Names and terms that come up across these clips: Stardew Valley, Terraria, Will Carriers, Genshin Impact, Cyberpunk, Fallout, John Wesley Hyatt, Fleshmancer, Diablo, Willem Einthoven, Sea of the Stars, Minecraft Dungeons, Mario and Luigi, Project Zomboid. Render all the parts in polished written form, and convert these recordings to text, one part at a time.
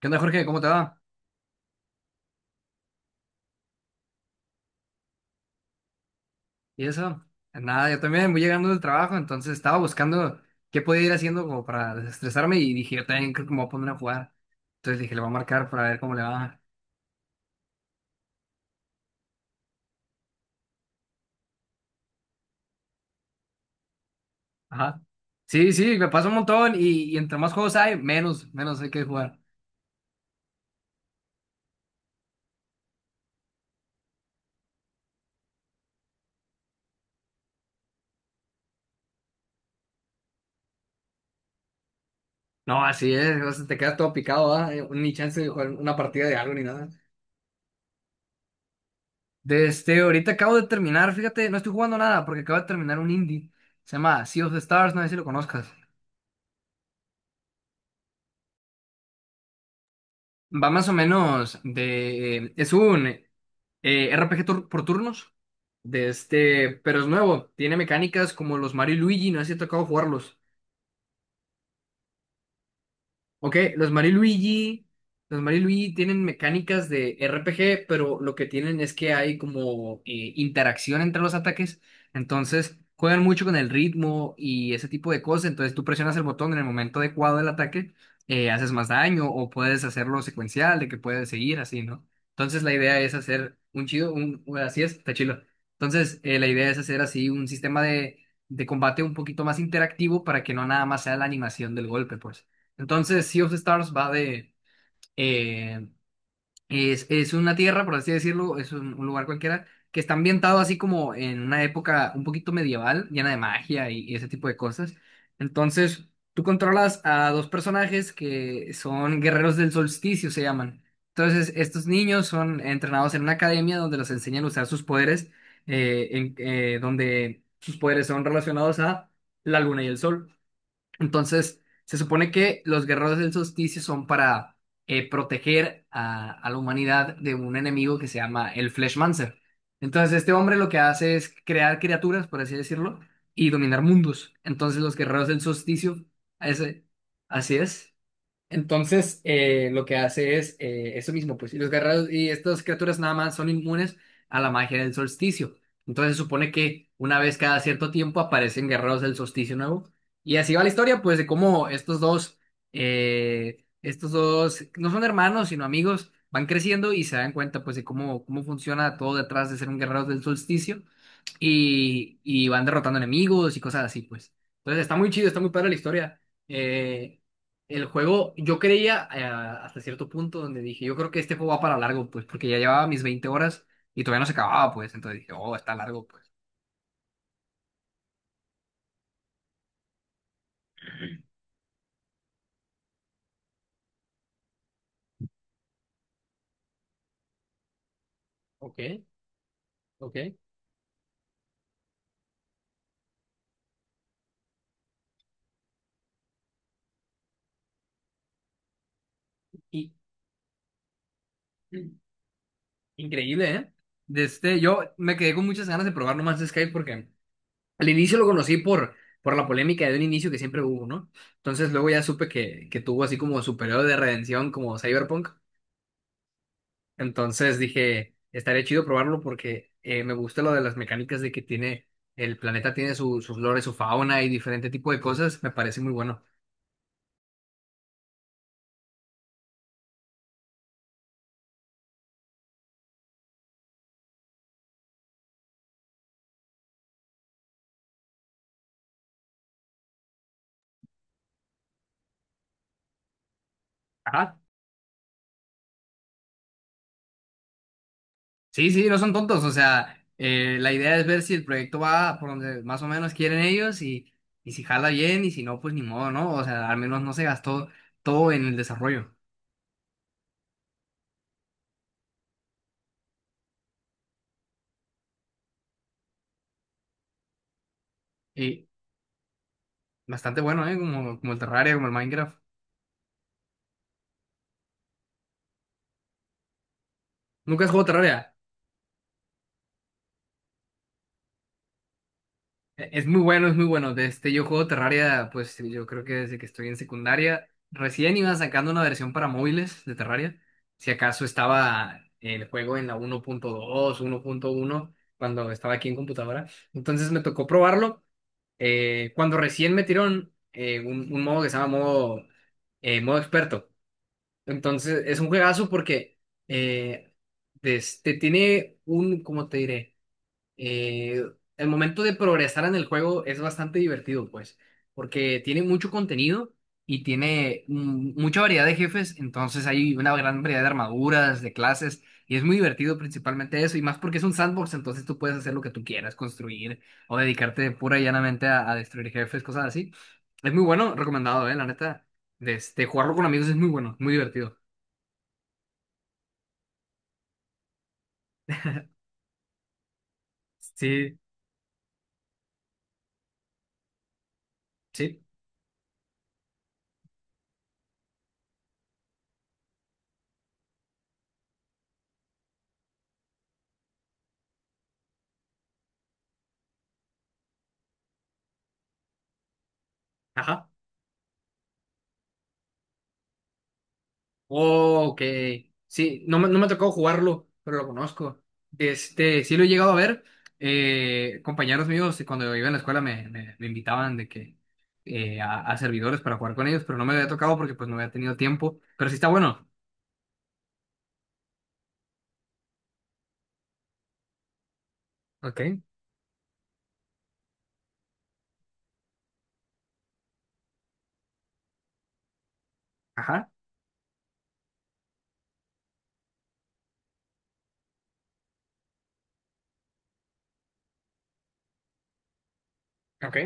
¿Qué onda, Jorge? ¿Cómo te va? ¿Y eso? Nada, yo también voy llegando del trabajo, entonces estaba buscando qué podía ir haciendo como para desestresarme y dije, yo también creo que me voy a poner a jugar. Entonces dije, le voy a marcar para ver cómo le va. Ajá. Sí, sí, me pasa un montón y entre más juegos hay, menos hay que jugar. No, así es, o sea, te quedas todo picado, ¿ah? Ni chance de jugar una partida de algo ni nada. Desde ahorita acabo de terminar, fíjate, no estoy jugando nada porque acabo de terminar un indie. Se llama Sea of the Stars, no sé si lo conozcas. Va más o menos de... Es un RPG por turnos, de este, pero es nuevo. Tiene mecánicas como los Mario y Luigi, no sé si te tocado jugarlos. Ok, los Mario y Luigi tienen mecánicas de RPG, pero lo que tienen es que hay como interacción entre los ataques, entonces juegan mucho con el ritmo y ese tipo de cosas, entonces tú presionas el botón en el momento adecuado del ataque, haces más daño o puedes hacerlo secuencial, de que puedes seguir así, ¿no? Entonces la idea es hacer un chido, así es, está chido. Entonces la idea es hacer así un sistema de combate un poquito más interactivo para que no nada más sea la animación del golpe, pues. Entonces, Sea of Stars va de... eh, es una tierra, por así decirlo, es un lugar cualquiera, que está ambientado así como en una época un poquito medieval, llena de magia y ese tipo de cosas. Entonces, tú controlas a dos personajes que son guerreros del solsticio, se llaman. Entonces, estos niños son entrenados en una academia donde los enseñan a usar sus poderes, donde sus poderes son relacionados a la luna y el sol. Entonces, se supone que los guerreros del solsticio son para proteger a la humanidad de un enemigo que se llama el Fleshmancer. Entonces, este hombre lo que hace es crear criaturas, por así decirlo, y dominar mundos. Entonces, los guerreros del solsticio, ese, así es. Entonces, lo que hace es eso mismo, pues, y los guerreros y estas criaturas nada más son inmunes a la magia del solsticio. Entonces, supone que una vez cada cierto tiempo aparecen guerreros del solsticio nuevo. Y así va la historia, pues, de cómo estos dos, no son hermanos, sino amigos, van creciendo y se dan cuenta, pues, de cómo, cómo funciona todo detrás de ser un guerrero del solsticio. Y van derrotando enemigos y cosas así, pues. Entonces, está muy chido, está muy padre la historia. Eh, el juego, yo creía hasta cierto punto donde dije, yo creo que este juego va para largo, pues, porque ya llevaba mis 20 horas y todavía no se acababa, pues, entonces dije, oh, está largo, pues. Ok, ok. Y increíble, ¿eh? De este, yo me quedé con muchas ganas de probar nomás sky porque al inicio lo conocí por la polémica de un inicio que siempre hubo, ¿no? Entonces luego ya supe que tuvo así como su periodo de redención como Cyberpunk. Entonces dije, estaría chido probarlo porque me gusta lo de las mecánicas de que tiene, el planeta tiene sus flores, su fauna y diferente tipo de cosas, me parece muy bueno. Ajá. Sí, sí, no son tontos, o sea, la idea es ver si el proyecto va por donde más o menos quieren ellos y si jala bien y si no, pues ni modo, ¿no? O sea, al menos no se gastó todo en el desarrollo. Y bastante bueno, ¿eh? Como el Terraria, como el Minecraft. ¿Nunca has jugado Terraria? Es muy bueno, es muy bueno. De este, yo juego Terraria, pues yo creo que desde que estoy en secundaria, recién iba sacando una versión para móviles de Terraria. Si acaso estaba el juego en la 1.2, 1.1, cuando estaba aquí en computadora. Entonces me tocó probarlo. Cuando recién metieron un modo que se llama modo experto. Entonces es un juegazo porque eh, de este, tiene un, ¿cómo te diré? Eh, el momento de progresar en el juego es bastante divertido, pues, porque tiene mucho contenido y tiene mucha variedad de jefes, entonces hay una gran variedad de armaduras, de clases, y es muy divertido principalmente eso, y más porque es un sandbox, entonces tú puedes hacer lo que tú quieras, construir o dedicarte pura y llanamente a destruir jefes, cosas así. Es muy bueno, recomendado, la neta. De este, jugarlo con amigos es muy bueno, muy divertido. Sí, sí. Ajá. Oh, ok. Sí, no me ha tocado jugarlo, pero lo conozco. Este, sí lo he llegado a ver. Compañeros míos, cuando iba en la escuela me invitaban de que a servidores para jugar con ellos, pero no me había tocado porque pues no había tenido tiempo. Pero sí está bueno. Ok, ajá, ok.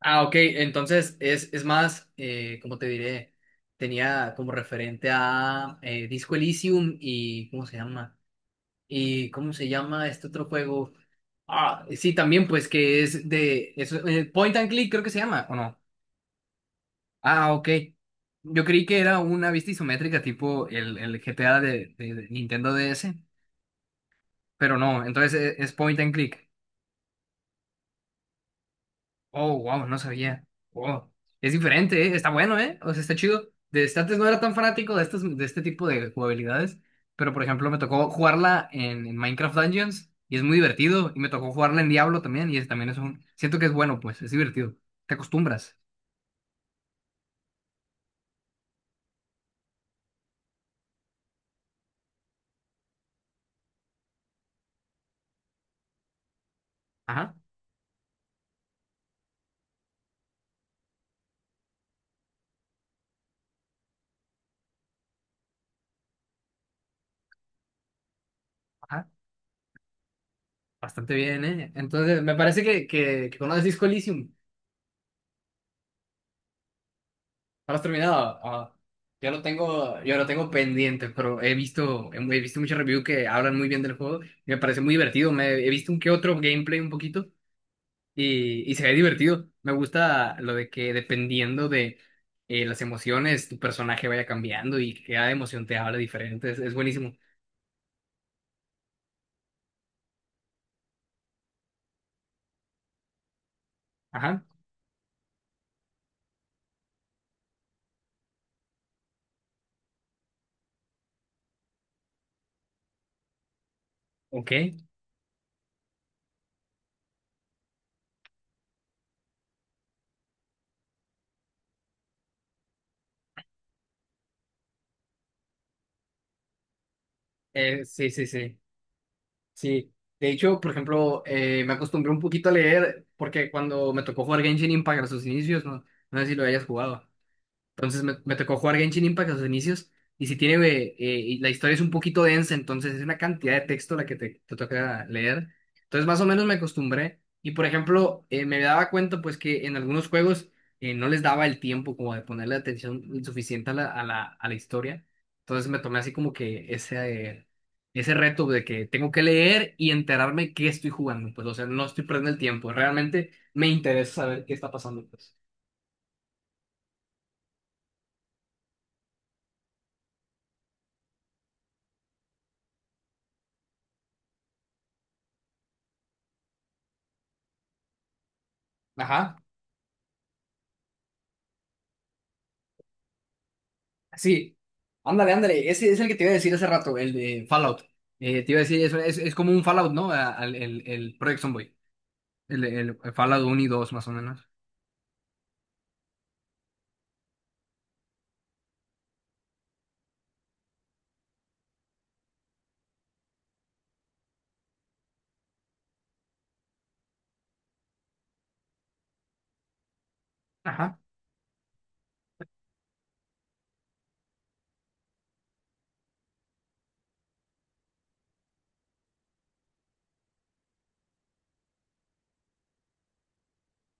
Ah, ok. Entonces es más, ¿cómo te diré? Tenía como referente a Disco Elysium y ¿cómo se llama? ¿Y cómo se llama este otro juego? Ah, sí, también, pues que es de eso, point and click creo que se llama, ¿o no? Ah, ok. Yo creí que era una vista isométrica tipo el GTA de Nintendo DS, pero no, entonces es, point and click. Oh, wow, no sabía. Wow. Es diferente, ¿eh? Está bueno, ¿eh? O sea, está chido. Desde antes no era tan fanático de, estos, de este tipo de jugabilidades, pero por ejemplo me tocó jugarla en Minecraft Dungeons y es muy divertido, y me tocó jugarla en Diablo también, y también es un... Siento que es bueno, pues, es divertido. Te acostumbras. Ajá, ajá, bastante bien, ¿eh? Entonces, me parece que conoces Disco Elysium. ¿No lo has terminado? Ah, yo lo tengo pendiente, pero he visto, he visto muchos reviews que hablan muy bien del juego, y me parece muy divertido. He visto un que otro gameplay un poquito y se ve divertido. Me gusta lo de que dependiendo de las emociones, tu personaje vaya cambiando y cada emoción te habla diferente. Es buenísimo. Ajá, ok. Sí, sí, sí. Sí, de hecho, por ejemplo, me acostumbré un poquito a leer porque cuando me tocó jugar Genshin Impact a sus inicios, no, no sé si lo hayas jugado. Entonces me tocó jugar Genshin Impact a sus inicios. Y si tiene, y la historia es un poquito densa, entonces es una cantidad de texto la que te toca leer. Entonces más o menos me acostumbré. Y por ejemplo, me daba cuenta pues que en algunos juegos no les daba el tiempo como de ponerle atención suficiente a la historia. Entonces me tomé así como que ese, eh, ese reto de que tengo que leer y enterarme qué estoy jugando. Pues o sea, no estoy perdiendo el tiempo. Realmente me interesa saber qué está pasando, pues. Ajá. Sí, ándale, ándale. Ese es el que te iba a decir hace rato, el de Fallout. Te iba a decir, eso es como un Fallout, ¿no? Project Zomboid. El Fallout 1 y 2, más o menos. Ajá.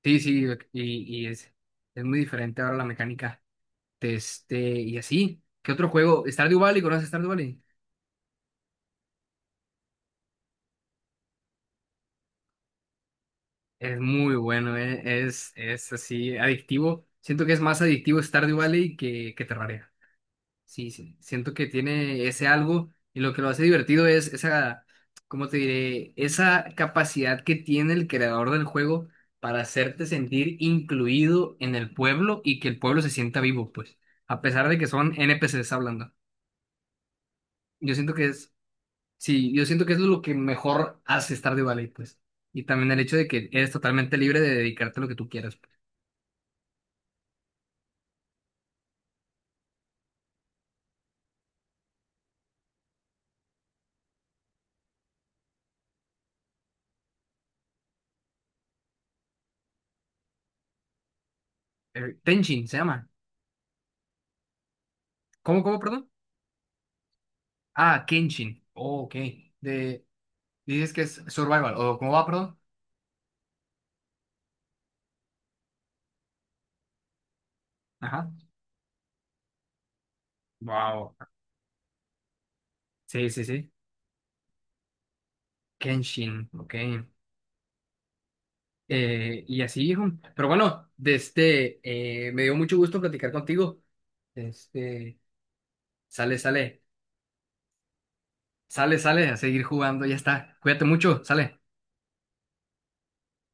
Sí, sí, y es muy diferente ahora la mecánica. Este, y así. ¿Qué otro juego? Stardew Valley, ¿conoces Stardew Valley? Es muy bueno, es así, adictivo. Siento que es más adictivo Stardew Valley que Terraria. Sí, sí, siento que tiene ese algo y lo que lo hace divertido es esa, ¿cómo te diré? Esa capacidad que tiene el creador del juego para hacerte sentir incluido en el pueblo y que el pueblo se sienta vivo, pues, a pesar de que son N P NPCs hablando. Yo siento que es, sí, yo siento que es lo que mejor hace Stardew Valley, pues. Y también el hecho de que eres totalmente libre de dedicarte a lo que tú quieras, pues. Tenchin se llama. ¿Cómo, cómo, perdón? Ah, Kenshin. Oh, ok. De, Dices que es survival, o ¿cómo va, perdón? Ajá. Wow. Sí, sí, sí. Kenshin, ok. Y así, hijo. Pero bueno, de este, me dio mucho gusto platicar contigo. Este, sale, sale, sale, sale a seguir jugando, ya está. Cuídate mucho, sale.